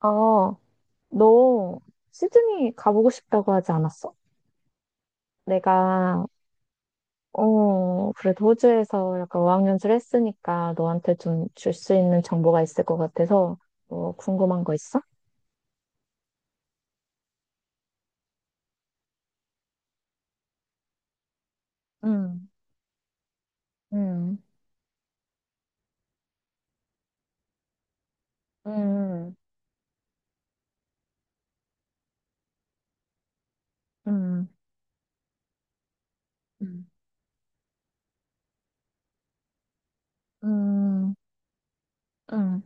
어, 너 시드니 가보고 싶다고 하지 않았어? 내가, 그래도 호주에서 약간 어학연수를 했으니까 너한테 좀 줄 수 있는 정보가 있을 것 같아서, 뭐, 궁금한 거 있어? 응, 응, 응, 응, 응, 응, 응.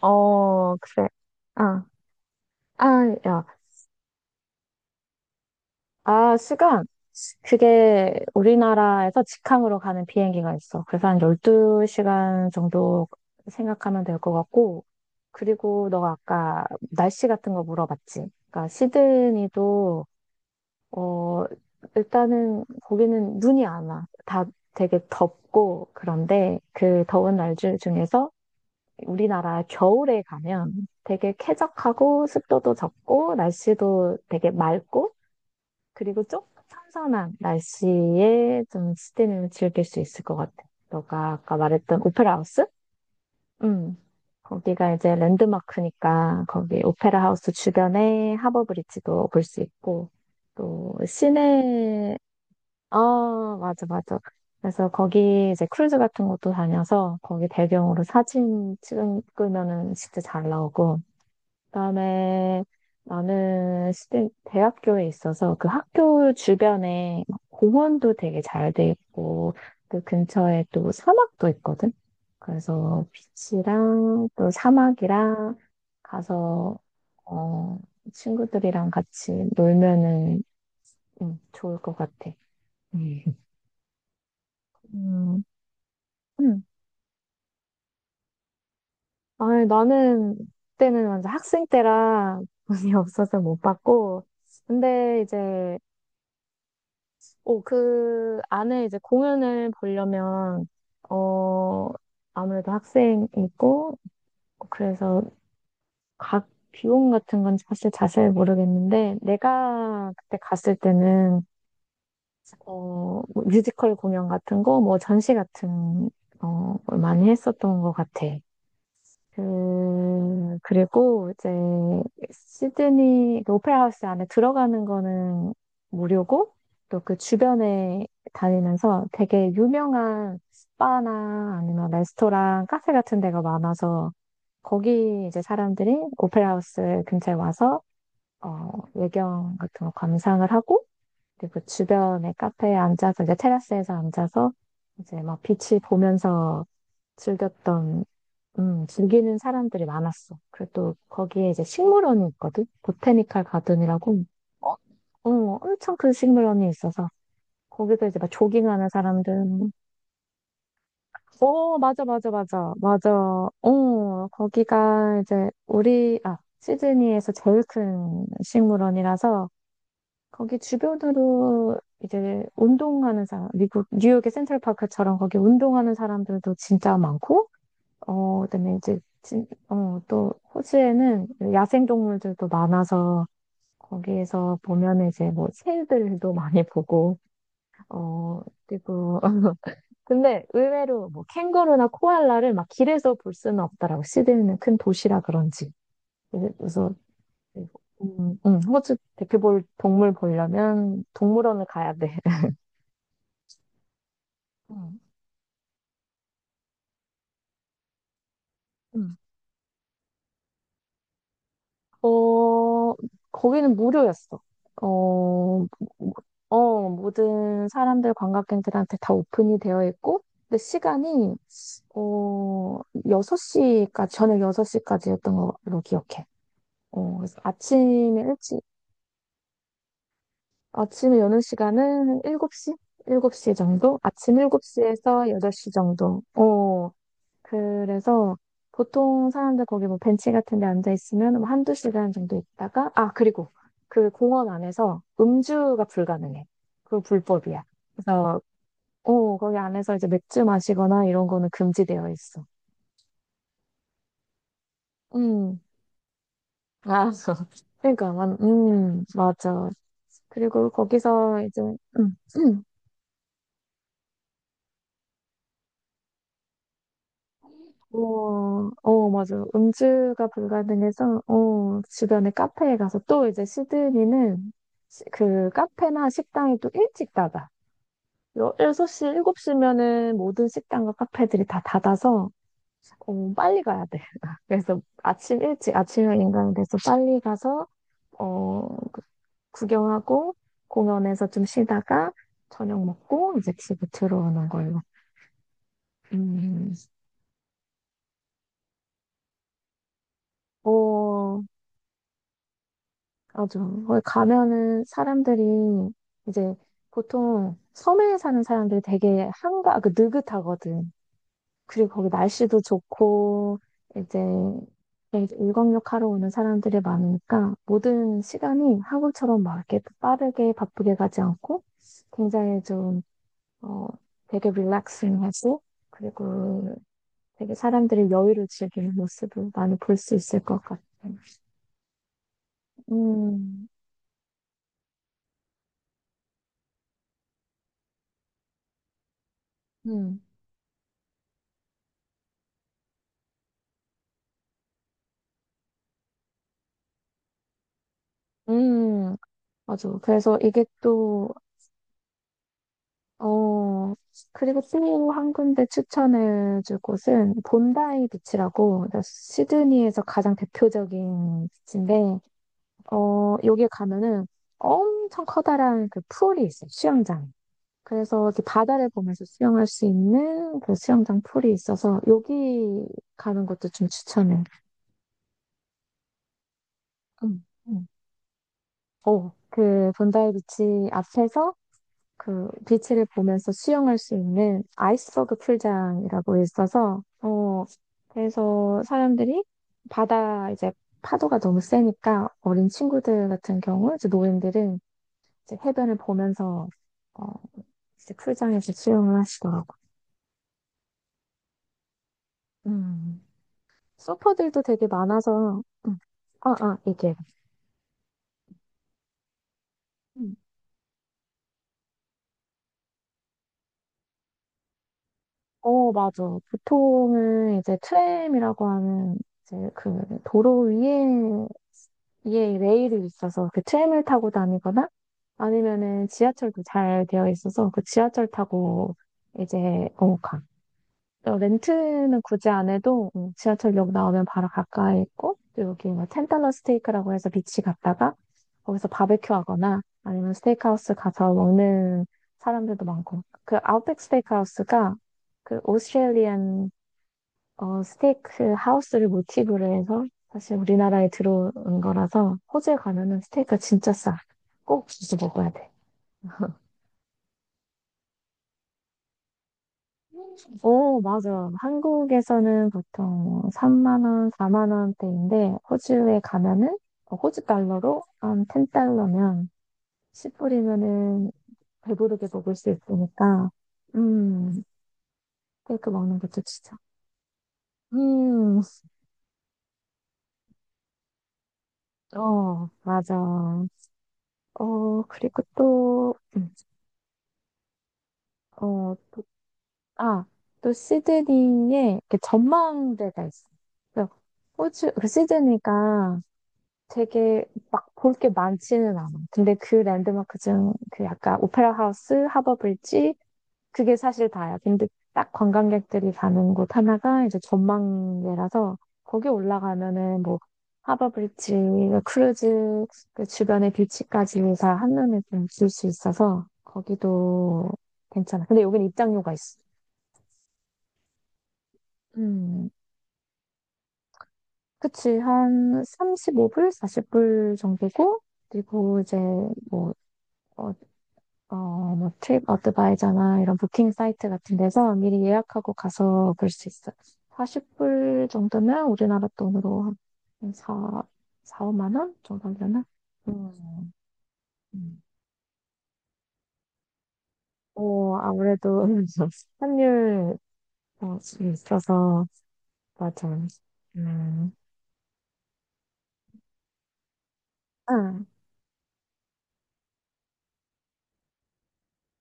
어, 그래. 아, 아, 야, 시간. 그게 우리나라에서 직항으로 가는 비행기가 있어. 그래서 한 12시간 정도 생각하면 될 것 같고. 그리고 너가 아까 날씨 같은 거 물어봤지. 그러니까 시드니도, 어, 일단은 거기는 눈이 안 와. 다 되게 덥고, 그런데 그 더운 날 중에서 우리나라 겨울에 가면 되게 쾌적하고 습도도 적고 날씨도 되게 맑고 그리고 좀 선선한 날씨에 좀 스테미를 즐길 수 있을 것 같아. 너가 아까 말했던 오페라 하우스? 음. 거기가 이제 랜드마크니까 거기 오페라 하우스 주변에 하버 브릿지도 볼 수 있고 또 시내. 아, 맞아, 맞아. 그래서 거기 이제 크루즈 같은 것도 다녀서 거기 배경으로 사진 찍으면은 진짜 잘 나오고, 그다음에 나는 대 대학교에 있어서 그 학교 주변에 공원도 되게 잘 돼 있고 그 근처에 또 사막도 있거든. 그래서 비치랑 또 사막이랑 가서 어, 친구들이랑 같이 놀면은 좋을 것 같아. 음. 음, 음. 아니, 나는 그때는 완전 학생 때라 돈이 없어서 못 받고 근데 이제, 오, 그 안에 이제 공연을 보려면, 어, 아무래도 학생이고, 그래서 각 비용 같은 건 사실 자세히 모르겠는데, 내가 그때 갔을 때는, 뭐 뮤지컬 공연 같은 거, 뭐 전시 같은, 걸 많이 했었던 것 같아. 그리고 이제 시드니 그 오페라 하우스 안에 들어가는 거는 무료고 또 그 주변에 다니면서 되게 유명한 바나 아니면 레스토랑, 카페 같은 데가 많아서 거기 이제 사람들이 오페라 하우스 근처에 와서 외경 같은 거 감상을 하고 그리고 주변에 카페에 앉아서 이제 테라스에서 앉아서 이제 막 빛이 보면서 즐겼던, 즐기는 사람들이 많았어. 그래도 거기에 이제 식물원이 있거든? 보테니컬 가든이라고. 어, 어, 엄청 큰 식물원이 있어서. 거기서 이제 막 조깅하는 사람들. 어, 맞아, 맞아, 맞아, 맞아. 거기가 이제 우리, 아, 시드니에서 제일 큰 식물원이라서 거기 주변으로 이제 운동하는 사람, 미국, 뉴욕의 센트럴파크처럼 거기 운동하는 사람들도 진짜 많고, 그다음에 이제 또 호주에는 야생 동물들도 많아서 거기에서 보면 이제 뭐 새들도 많이 보고. 어, 그리고 근데 의외로 뭐 캥거루나 코알라를 막 길에서 볼 수는 없더라고. 시드니는 큰 도시라 그런지. 그래서 호주 대표 볼 동물 보려면 동물원을 가야 돼. 음, 음. 어, 거기는 무료였어. 어, 모든 사람들, 관광객들한테 다 오픈이 되어 있고, 근데 시간이, 어, 6시까지, 저녁 6시까지였던 걸로 기억해. 어, 그래서 아침에 일찍, 아침에 여는 시간은 7시? 7시 정도? 아침 7시에서 8시 정도. 그래서 보통 사람들 거기 뭐 벤치 같은 데 앉아 있으면 뭐 한두 시간 정도 있다가, 아, 그리고 그 공원 안에서 음주가 불가능해. 그거 불법이야. 그래서, 거기 안에서 이제 맥주 마시거나 이런 거는 금지되어 있어. 음, 아, 그러니까, 맞아. 그리고 거기서 이제, 음, 맞아. 음주가 불가능해서, 주변에 카페에 가서 또 이제 시드니는 그 카페나 식당이 또 일찍 닫아. 6시, 7시면은 모든 식당과 카페들이 다 닫아서, 빨리 가야 돼. 그래서 아침 일찍, 아침형 인간이 돼서 빨리 가서, 어, 그- 구경하고, 공연에서 좀 쉬다가, 저녁 먹고, 이제 집에 들어오는 걸로. 음, 어, 맞아. 거기 가면은 사람들이 이제 보통 섬에 사는 사람들이 되게 한가, 그 느긋하거든. 그리고 거기 날씨도 좋고, 이제 이제 일광욕 하러 오는 사람들이 많으니까 모든 시간이 한국처럼 막 이렇게 빠르게 바쁘게 가지 않고 굉장히 좀, 어, 되게 릴렉싱하고 그리고 되게 사람들이 여유를 즐기는 모습을 많이 볼 수 있을 것 같아. 음, 음, 음, 맞아. 그래서 이게 또, 어, 그리고 또 한 군데 추천해줄 곳은 본다이 비치라고, 그러니까 시드니에서 가장 대표적인 비치인데, 여기에 가면은 엄청 커다란 그 풀이 있어요. 수영장. 그래서 이렇게 바다를 보면서 수영할 수 있는 그 수영장 풀이 있어서 여기 가는 것도 좀 추천해. 응, 응. 그 본다이 비치 앞에서 그 비치를 보면서 수영할 수 있는 아이스버그 풀장이라고 있어서, 그래서 사람들이 바다 이제 파도가 너무 세니까 어린 친구들 같은 경우 이제 노인들은 이제 해변을 보면서 어 이제 풀장에서 수영을 하시더라고. 음. 서퍼들도 되게 많아서. 이게. 음. 어, 맞아. 보통은 이제 트램이라고 하는 이제 그 도로 위에 이게 레일이 있어서 그 트램을 타고 다니거나 아니면은 지하철도 잘 되어 있어서 그 지하철 타고 이제 가. 또 렌트는 굳이 안 해도, 지하철역 나오면 바로 가까이 있고 또 여기 뭐 텐달러 스테이크라고 해서 비치 갔다가 거기서 바베큐 하거나 아니면 스테이크하우스 가서 먹는 사람들도 많고 그 아웃백 스테이크하우스가 그 오스트레일리안 스테이크 하우스를 모티브로 해서 사실 우리나라에 들어온 거라서 호주에 가면은 스테이크가 진짜 싸. 꼭 주스 먹어야 돼. 오, 맞아. 한국에서는 보통 3만 원, 4만 원대인데 호주에 가면은 호주 달러로 한 10달러면, 10불이면은 배부르게 먹을 수 있으니까, 음, 스테이크 먹는 것도 진짜. 음, 어, 맞아. 그리고 또, 어, 아, 또 시드니에 이렇게 전망대가 있어. 그래서 호주, 그 시드니가 되게 막 볼 게 많지는 않아. 근데 그 랜드마크 중 그 약간 오페라 하우스, 하버 브릿지 그게 사실 다야. 근데 딱 관광객들이 가는 곳 하나가 이제 전망대라서 거기 올라가면은 뭐 하버 브릿지, 크루즈 그 주변의 뷰치까지 다 한눈에 좀 볼 수 있어서 거기도 괜찮아. 근데 여긴 입장료가 있어. 음. 그치, 한 35불, 40불 정도고, 그리고 이제 뭐, 어, 뭐, 트립 어드바이저나 이런 부킹 사이트 같은 데서 미리 예약하고 가서 볼 수 있어. 40불 정도면 우리나라 돈으로 한 4, 4, 5만 원 정도 하려나? 음, 음. 오, 아무래도 환율 있어서, 맞아. 음. 응,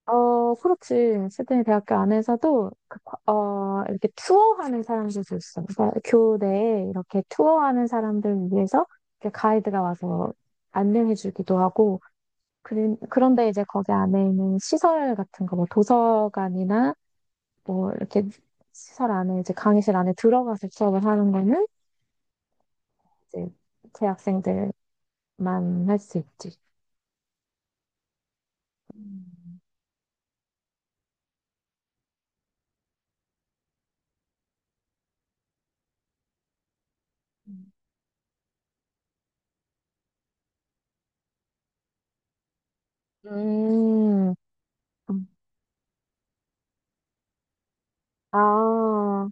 그렇지. 시드니 대학교 안에서도, 이렇게 투어하는 사람들도 있어. 그러니까 교내에 이렇게 투어하는 사람들 위해서 이렇게 가이드가 와서 안내해주기도 하고, 그런데 이제 거기 안에 있는 시설 같은 거, 뭐 도서관이나 뭐 이렇게 시설 안에, 이제 강의실 안에 들어가서 수업을 하는 거는 이제 재학생들만 할 수 있지. 음, 음. 아,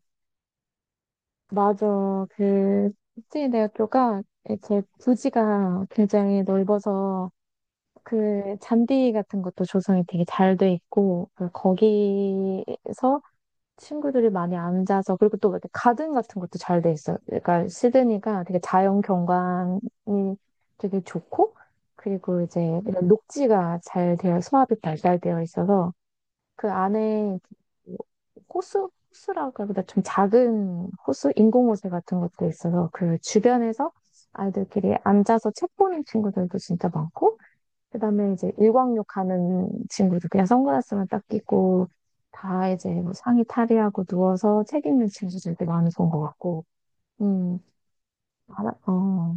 맞아. 그, 국제대학교가 제 부지가 굉장히 넓어서 그 잔디 같은 것도 조성이 되게 잘 돼 있고, 그 거기서 친구들이 많이 앉아서, 그리고 또 이렇게 가든 같은 것도 잘 돼 있어요. 그러니까 시드니가 되게 자연 경관이 되게 좋고, 그리고 이제 이런 녹지가 잘 되어, 소합이 발달되어 있어서 그 안에 그 호수, 호수라 그러보다 좀 작은 호수, 인공호수 같은 것도 있어서 그 주변에서 아이들끼리 앉아서 책 보는 친구들도 진짜 많고, 그 다음에 이제 일광욕 하는 친구들, 그냥 선글라스만 딱 끼고, 다 이제 뭐 상의 탈의하고 누워서 책 읽는 친구들도 많이 본 것 같고, 음, 알아, 어,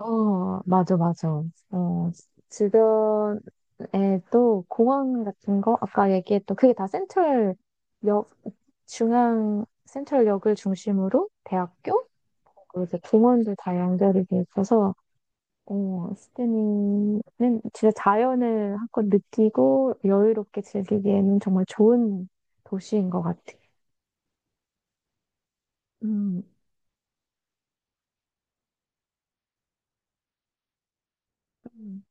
어, 맞아, 맞아. 어, 주변에 또 공원 같은 거, 아까 얘기했던 그게 다 센트럴 역, 중앙 센트럴역을 중심으로 대학교 그리고 이제 공원도 다 연결이 돼 있어서 시드니는 진짜 자연을 한껏 느끼고 여유롭게 즐기기에는 정말 좋은 도시인 것 같아. 음. 음.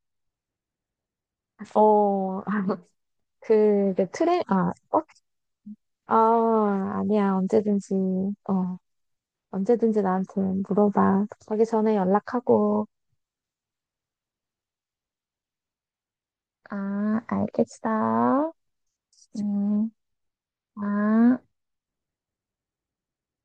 어, 아, 그, 내 트레, 아, 어? 아, 아니야. 언제든지, 어, 언제든지 나한테 물어봐. 가기 전에 연락하고. 아, 알겠어. 음, 아.